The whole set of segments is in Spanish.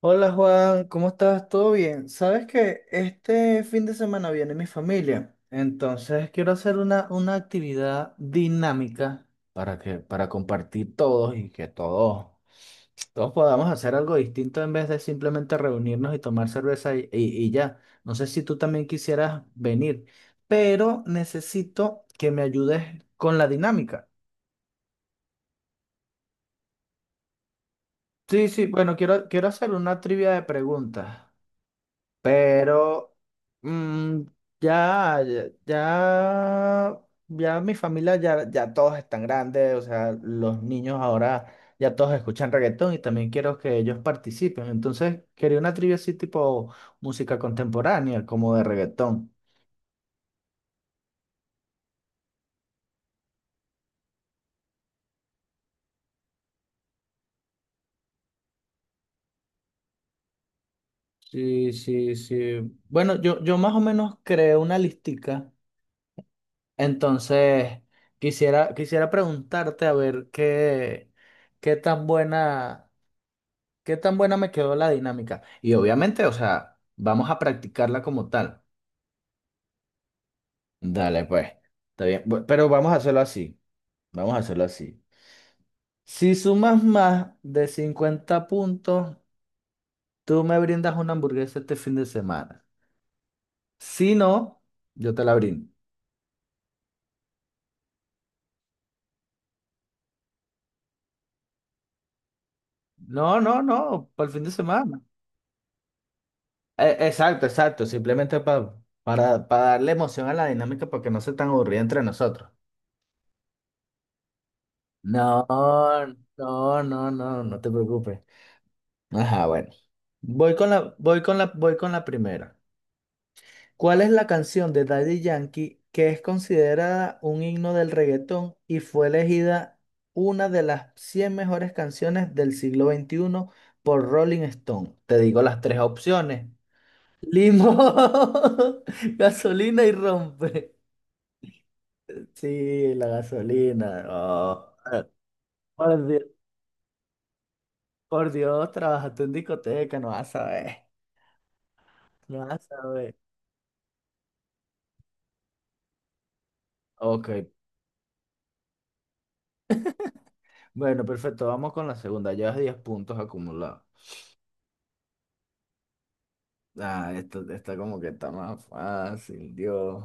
Hola Juan, ¿cómo estás? ¿Todo bien? Sabes que este fin de semana viene mi familia, entonces quiero hacer una actividad dinámica para que, para compartir todos y que todos, todos podamos hacer algo distinto en vez de simplemente reunirnos y tomar cerveza y ya. No sé si tú también quisieras venir, pero necesito que me ayudes con la dinámica. Sí, sí, bueno, quiero hacer una trivia de preguntas. Pero mm, ya, ya, ya, ya mi familia, ya, ya todos están grandes, o sea, los niños ahora ya todos escuchan reggaetón y también quiero que ellos participen. Entonces, quería una trivia así tipo música contemporánea, como de reggaetón. Sí, sí, sí. Bueno, yo más o menos creé una listica, entonces quisiera preguntarte a ver qué, qué tan buena... ¿Qué tan buena me quedó la dinámica? Y obviamente, o sea, vamos a practicarla como tal. Dale, pues. Está bien. Pero vamos a hacerlo así. Vamos a hacerlo así. Si sumas más de 50 puntos, tú me brindas una hamburguesa este fin de semana. Si no, yo te la brindo. No, no, no, para el fin de semana. Exacto, exacto. Simplemente para darle emoción a la dinámica para que no sea tan aburrida entre nosotros. No, no, no, no, no te preocupes. Ajá, bueno. Voy con la primera. ¿Cuál es la canción de Daddy Yankee que es considerada un himno del reggaetón y fue elegida una de las 100 mejores canciones del siglo veintiuno por Rolling Stone? Te digo las tres opciones. Limón, gasolina y rompe. Sí, la gasolina. No. Por Dios, por Dios, trabajaste en discoteca, no vas a saber. No vas a saber. Ok, bueno, perfecto, vamos con la segunda. Llevas 10 puntos acumulados. Ah, esto está como que está más fácil, Dios.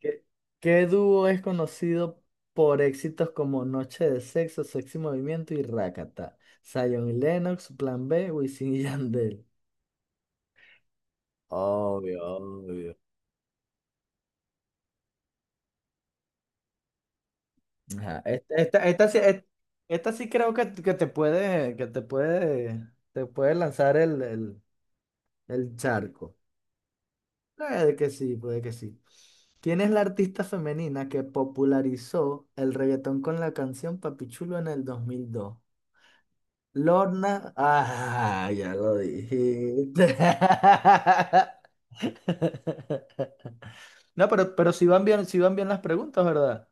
¿Qué, ¿qué dúo es conocido por éxitos como Noche de Sexo, Sexy Movimiento y Rakata? Zion y Lennox, Plan B, Wisin y Yandel. Obvio, obvio. Ajá, esta, esta sí creo que, te puede lanzar el charco. Puede que sí, puede que sí. ¿Quién es la artista femenina que popularizó el reggaetón con la canción Papichulo en el dos mil dos? Lorna. Ah, ya lo dijiste. No, pero si van bien, si van bien las preguntas, ¿verdad?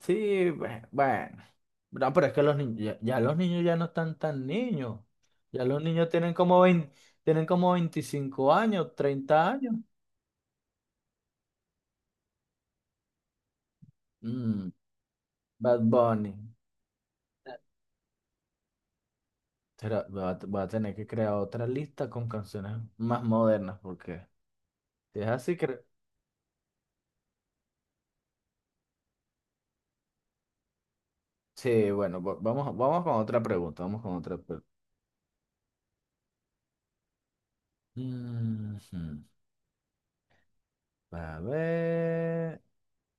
Sí, bueno. No, pero es que los niños, ya, ya los niños ya no están tan niños. Ya los niños tienen como 20 tienen como 25 años, treinta años. Mm, Bad Bunny. Voy a, voy a tener que crear otra lista con canciones más modernas, porque si es así, sí, bueno, vamos, vamos con otra pregunta, vamos con otra pregunta. Ujú. A ver,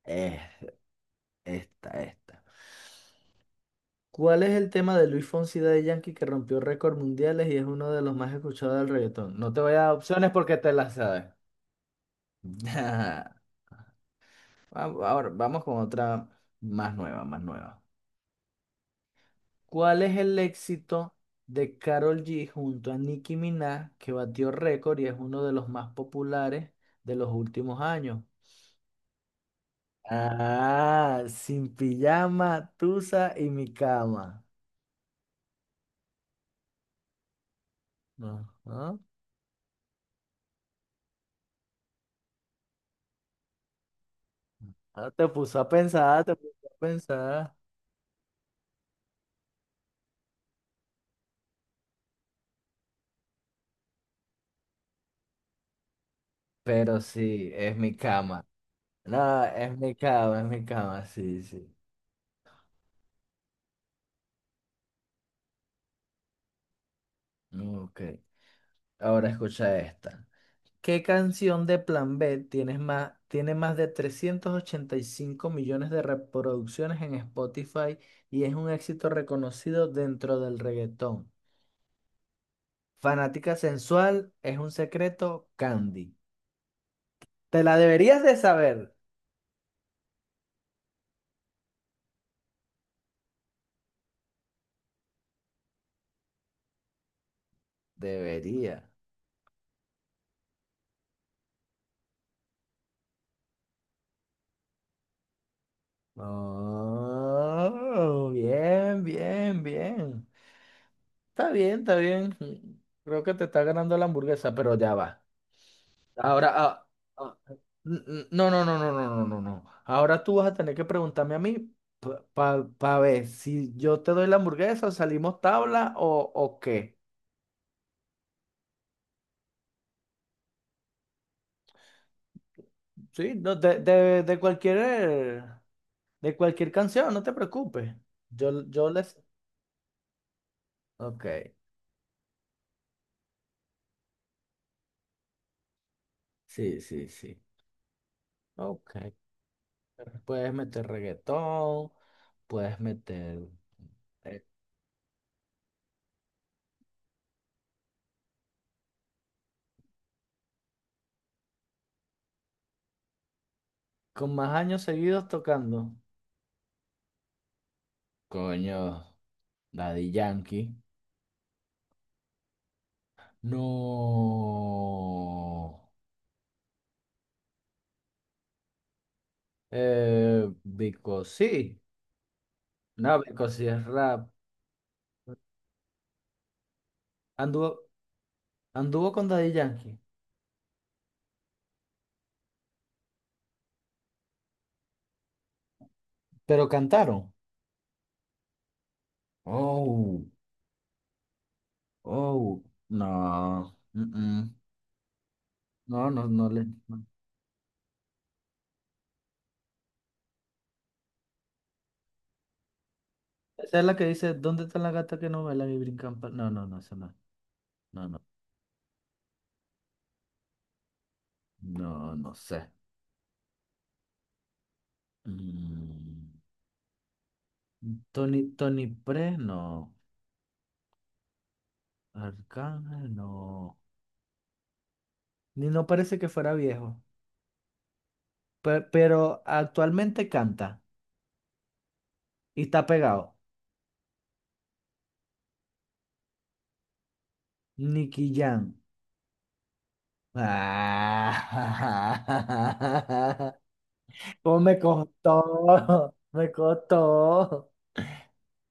eh, esta, esta. ¿Cuál es el tema de Luis Fonsi de Yankee que rompió récords mundiales y es uno de los más escuchados del reggaetón? No te voy a dar opciones porque te las sabes. Va- Ahora vamos con otra más nueva, más nueva. ¿Cuál es el éxito de Karol G junto a Nicki Minaj que batió récord y es uno de los más populares de los últimos años? Ah, sin pijama, tusa y mi cama. Ajá. Ah, te puso a pensar, te puso a pensar. Pero sí, es mi cama. No, es mi cama, sí, sí. Ok. Ahora escucha esta. ¿Qué canción de Plan B tiene más de 385 millones de reproducciones en Spotify y es un éxito reconocido dentro del reggaetón? Fanática sensual, es un secreto, Candy. ¿Te la deberías de saber? Debería. Oh, bien, bien, bien. Está bien, está bien. Creo que te está ganando la hamburguesa, pero ya va. Ahora, ah, ah, no, no, no, no, no, no, no, no. Ahora tú vas a tener que preguntarme a mí para ver si yo te doy la hamburguesa, salimos tabla o qué. Sí, no, de cualquier canción, no te preocupes. Yo les... Ok, sí, sí, sí. Ok. Puedes meter reggaetón, puedes meter... eh, con más años seguidos tocando. Coño, Daddy Yankee. No. Vico, sí. No, Vico, sí es rap. Anduvo, anduvo con Daddy Yankee. Pero cantaron. Oh, oh. No. Mm-mm. No, no, no le. No. Esa es la que dice, ¿dónde está la gata que no baila y brincan? No, no, no, esa no. No, no. No, no sé. Mm. Tony, Tony Pre, no. Arcángel, no. Ni no parece que fuera viejo. Pero, actualmente canta y está pegado. Nicky Jam. Ah, ¿Cómo me costó? Me costó.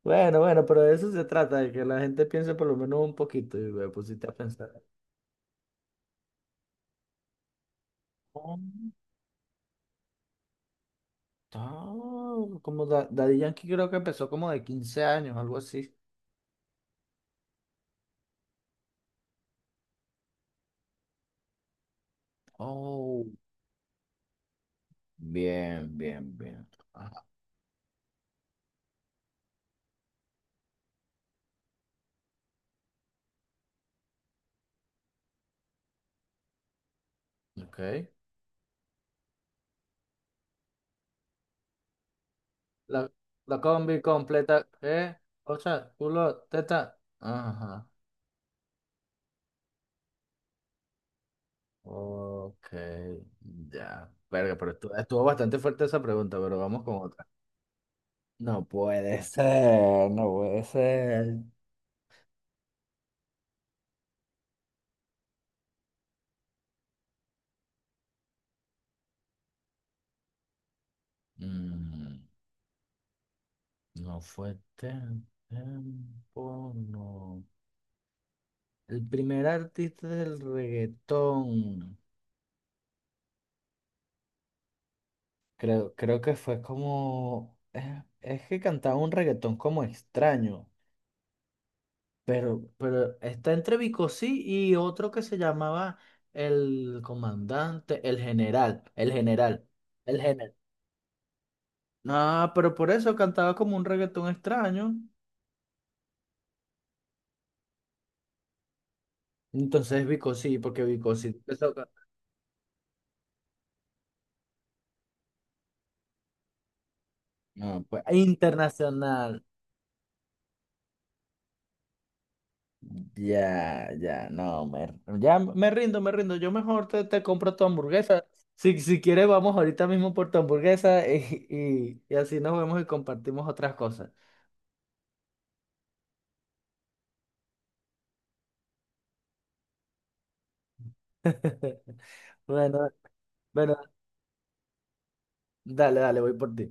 Bueno, bueno, pero de eso se trata, de que la gente piense por lo menos un poquito y me pusiste a pensar. Oh, oh, Daddy Yankee creo que empezó como de 15 años, algo así. Oh, bien, bien, bien. Ajá, ok. La, la combi completa, ¿eh? O sea, culo, teta. Ajá. Ok, ya. Verga, pero estuvo bastante fuerte esa pregunta, pero vamos con otra. No puede ser, no puede ser. Mm, no fue tiempo, no. El primer artista del reggaetón. Creo, creo que fue como... es que cantaba un reggaetón como extraño. Pero está entre Bicosí y otro que se llamaba el comandante, el general. Ah, pero por eso cantaba como un reggaetón extraño. Entonces Bicosí, porque Bicosí No, pues, internacional. Ya, ya, no, me, ya me rindo, me rindo. Yo mejor te compro tu hamburguesa. Si, si quieres, vamos ahorita mismo por tu hamburguesa y así nos vemos y compartimos otras cosas. Bueno. Bueno, dale, dale, voy por ti.